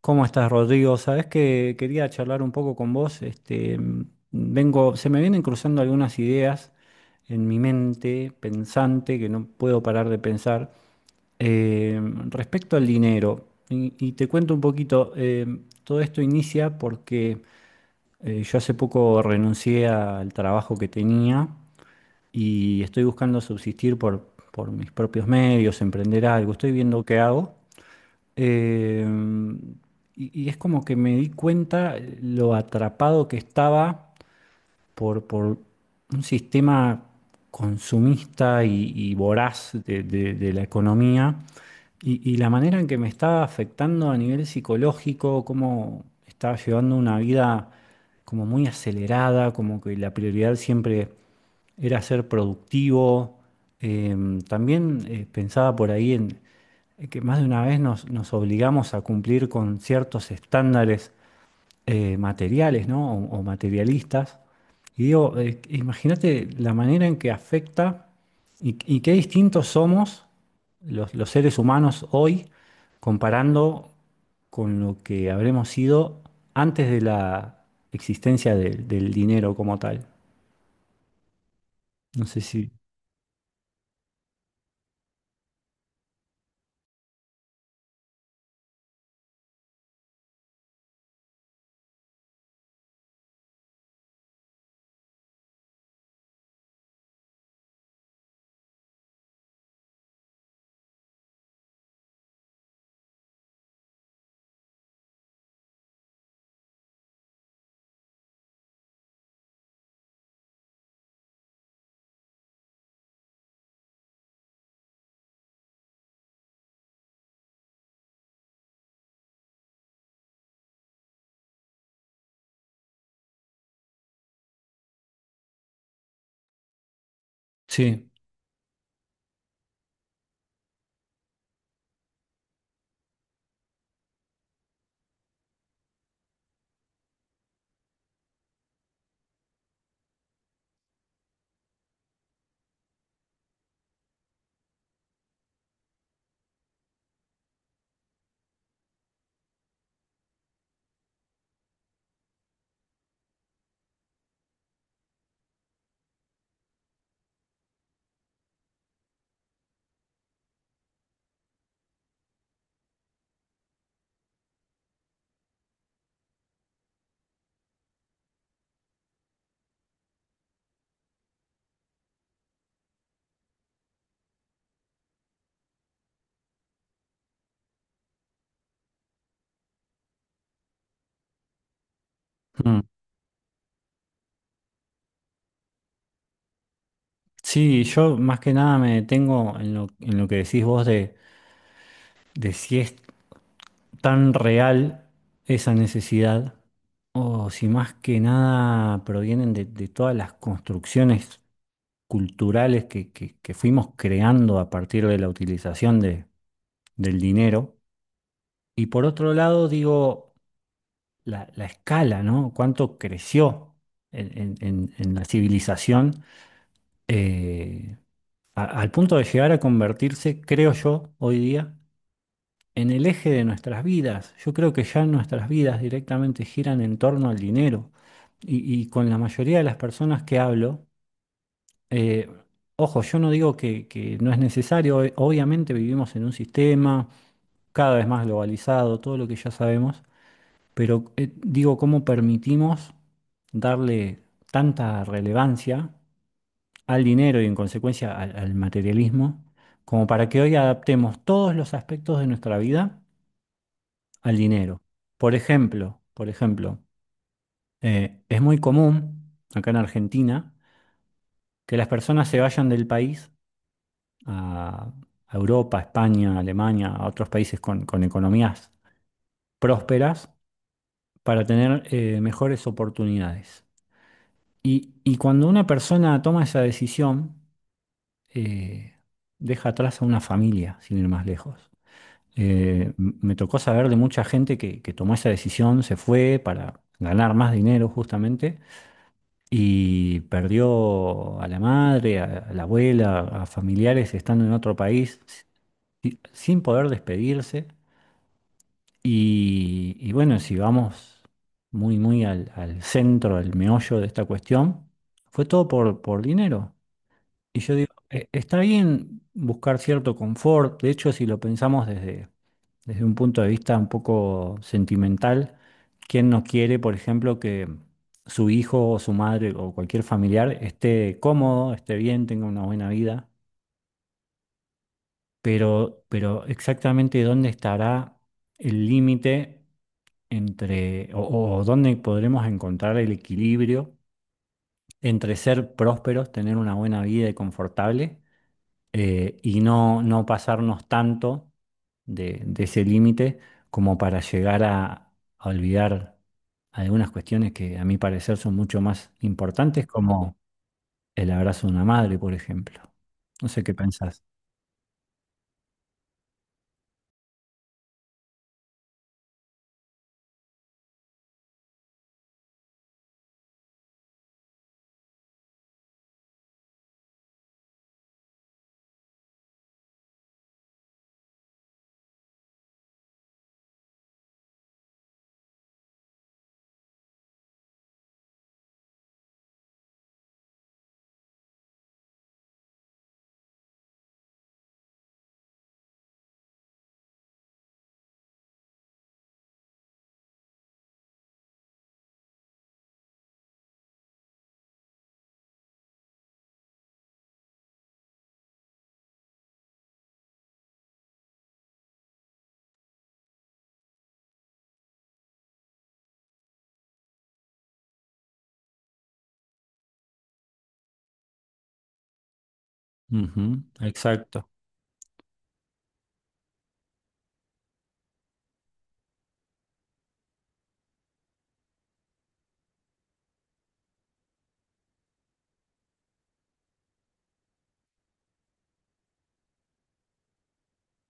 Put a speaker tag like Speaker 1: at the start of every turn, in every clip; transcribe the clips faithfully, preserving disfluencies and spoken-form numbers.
Speaker 1: ¿Cómo estás, Rodrigo? Sabés que quería charlar un poco con vos. Este, mm, vengo, se me vienen cruzando algunas ideas en mi mente pensante que no puedo parar de pensar eh, respecto al dinero. Y, y te cuento un poquito. Eh, todo esto inicia porque eh, yo hace poco renuncié al trabajo que tenía y estoy buscando subsistir por, por mis propios medios, emprender algo. Estoy viendo qué hago. Eh, y, y es como que me di cuenta lo atrapado que estaba por, por un sistema consumista y, y voraz de, de- de la economía y, y la manera en que me está afectando a nivel psicológico, cómo estaba llevando una vida como muy acelerada, como que la prioridad siempre era ser productivo. Em, también eh, pensaba por ahí en eh, que más de una vez nos, nos obligamos a cumplir con ciertos estándares eh, materiales, ¿no? O, o materialistas. Y digo, eh, imagínate la manera en que afecta y, y qué distintos somos los, los seres humanos hoy comparando con lo que habremos sido antes de la existencia del del dinero como tal. No sé si. Sí. Mm. Sí, yo más que nada me detengo en lo, en lo que decís vos de, de si es tan real esa necesidad o si más que nada provienen de, de todas las construcciones culturales que, que- que fuimos creando a partir de la utilización de- del dinero. Y por otro lado, digo, la, la escala, ¿no? Cuánto creció en, en- en- en la civilización eh, a- al punto de llegar a convertirse, creo yo, hoy día, en el eje de nuestras vidas. Yo creo que ya nuestras vidas directamente giran en torno al dinero. Y, y con la mayoría de las personas que hablo, eh, ojo, yo no digo que, que no es necesario, o- obviamente vivimos en un sistema cada vez más globalizado, todo lo que ya sabemos, pero eh, digo, ¿cómo permitimos darle tanta relevancia al dinero y en consecuencia al al materialismo, como para que hoy adaptemos todos los aspectos de nuestra vida al dinero? Por ejemplo, por ejemplo, eh, es muy común acá en Argentina que las personas se vayan del país a, a Europa, España, Alemania, a otros países con, con economías prósperas para tener eh, mejores oportunidades. Y, y cuando una persona toma esa decisión, eh, deja atrás a una familia, sin ir más lejos. Eh, m- me tocó saber de mucha gente que, que tomó esa decisión, se fue para ganar más dinero justamente, y perdió a la madre, a, a la abuela, a familiares estando en otro país si- sin poder despedirse. Y, y bueno, si vamos muy, muy al, al centro, al meollo de esta cuestión, fue todo por, por dinero. Y yo digo, e- está bien buscar cierto confort. De hecho, si lo pensamos desde desde un punto de vista un poco sentimental, ¿quién no quiere, por ejemplo, que su hijo o su madre o cualquier familiar esté cómodo, esté bien, tenga una buena vida? Pero, pero exactamente dónde estará el límite entre, o, o dónde podremos encontrar el equilibrio entre ser prósperos, tener una buena vida y confortable, eh, y no, no pasarnos tanto de, de ese límite como para llegar a, a olvidar algunas cuestiones que a mi parecer son mucho más importantes, como el abrazo de una madre, por ejemplo. No sé qué pensás. Ujú, exacto.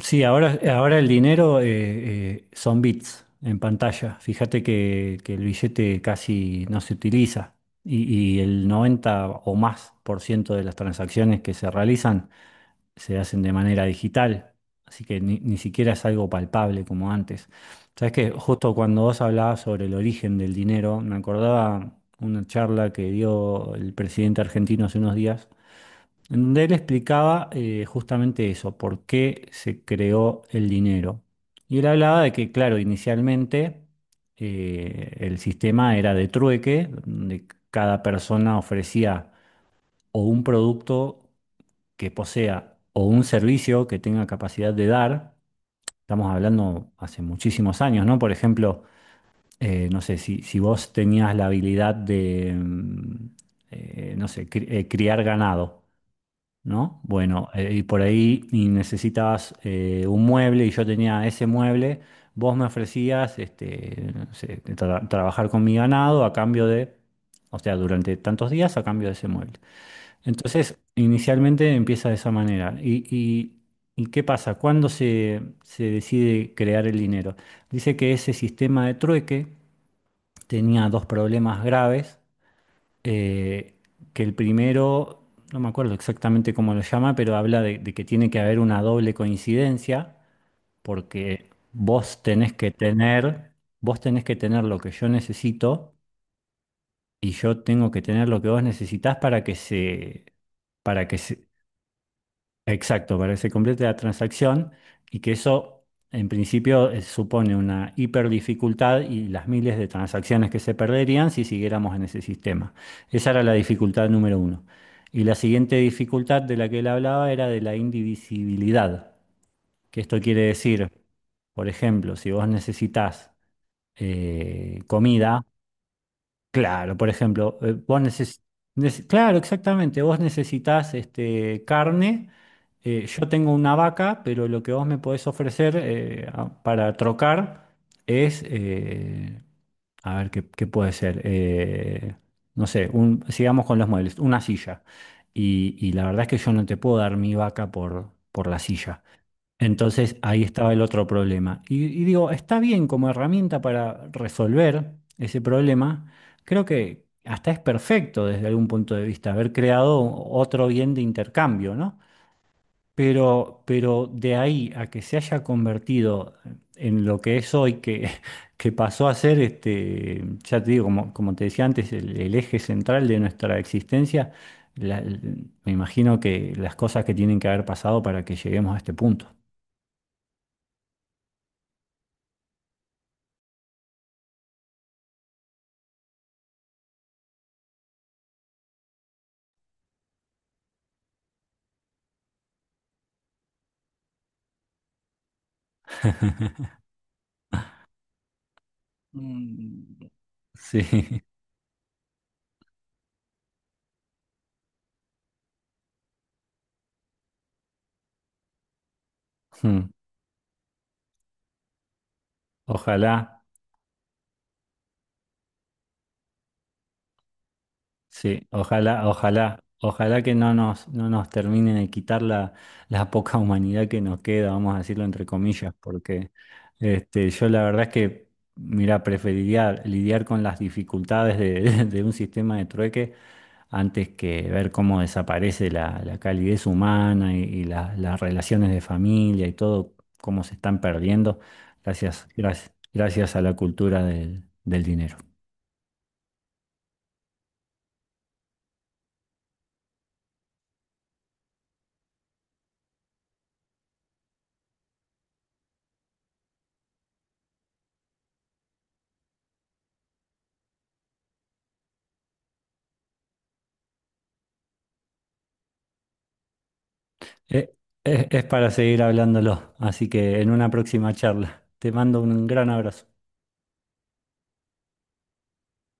Speaker 1: Sí, ahora, ahora el dinero eh, eh, son bits en pantalla. Fíjate que, que el billete casi no se utiliza y, y el noventa o más por ciento de las transacciones que se realizan se hacen de manera digital, así que ni, ni siquiera es algo palpable como antes. Sabes que justo cuando vos hablabas sobre el origen del dinero, me acordaba una charla que dio el presidente argentino hace unos días, en donde él explicaba eh, justamente eso, por qué se creó el dinero. Y él hablaba de que, claro, inicialmente eh, el sistema era de trueque, donde cada persona ofrecía o un producto que posea o un servicio que tenga capacidad de dar. Estamos hablando hace muchísimos años, ¿no? Por ejemplo, eh, no sé, si, si vos tenías la habilidad de, mm, eh, no sé, cri- eh, criar ganado, ¿no? Bueno, eh, y por ahí y necesitabas eh, un mueble y yo tenía ese mueble, vos me ofrecías este, no sé, tra- trabajar con mi ganado a cambio de, o sea, durante tantos días a cambio de ese mueble. Entonces, inicialmente empieza de esa manera. ¿Y, y- y qué pasa? ¿Cuándo se, se decide crear el dinero? Dice que ese sistema de trueque tenía dos problemas graves. eh, que el primero, no me acuerdo exactamente cómo lo llama, pero habla de, de que tiene que haber una doble coincidencia, porque vos tenés que tener, vos tenés que tener lo que yo necesito y yo tengo que tener lo que vos necesitás para que se para que se, exacto, para que se complete la transacción, y que eso en principio eh, supone una hiperdificultad y las miles de transacciones que se perderían si siguiéramos en ese sistema. Esa era la dificultad número uno. Y la siguiente dificultad de la que él hablaba era de la indivisibilidad, que esto quiere decir, por ejemplo, si vos necesitas eh, comida. Claro, por ejemplo, eh, vos neces nece- claro, exactamente, vos necesitas este, carne. Eh, yo tengo una vaca, pero lo que vos me podés ofrecer eh, a- para trocar es, eh, a ver, ¿qué, qué puede ser? Eh, no sé, un, sigamos con los muebles, una silla. Y, y la verdad es que yo no te puedo dar mi vaca por, por la silla. Entonces ahí estaba el otro problema. Y, y digo, está bien como herramienta para resolver ese problema. Creo que hasta es perfecto desde algún punto de vista haber creado otro bien de intercambio, ¿no? Pero, pero de ahí a que se haya convertido en lo que es hoy, que, que pasó a ser, este, ya te digo, como, como te decía antes, el, el eje central de nuestra existencia, la- me imagino que las cosas que tienen que haber pasado para que lleguemos a este punto. Mm. Sí. mm, Ojalá. Sí, ojalá, ojalá, ojalá que no nos, no nos terminen de quitar la, la poca humanidad que nos queda, vamos a decirlo entre comillas, porque este, yo la verdad es que, mira, preferiría lidiar con las dificultades de, de un sistema de trueque antes que ver cómo desaparece la, la calidez humana y, y la- las relaciones de familia y todo, cómo se están perdiendo gracias, gracias, gracias a la cultura del, del dinero. Eh, es es para seguir hablándolo, así que en una próxima charla. Te mando un gran abrazo.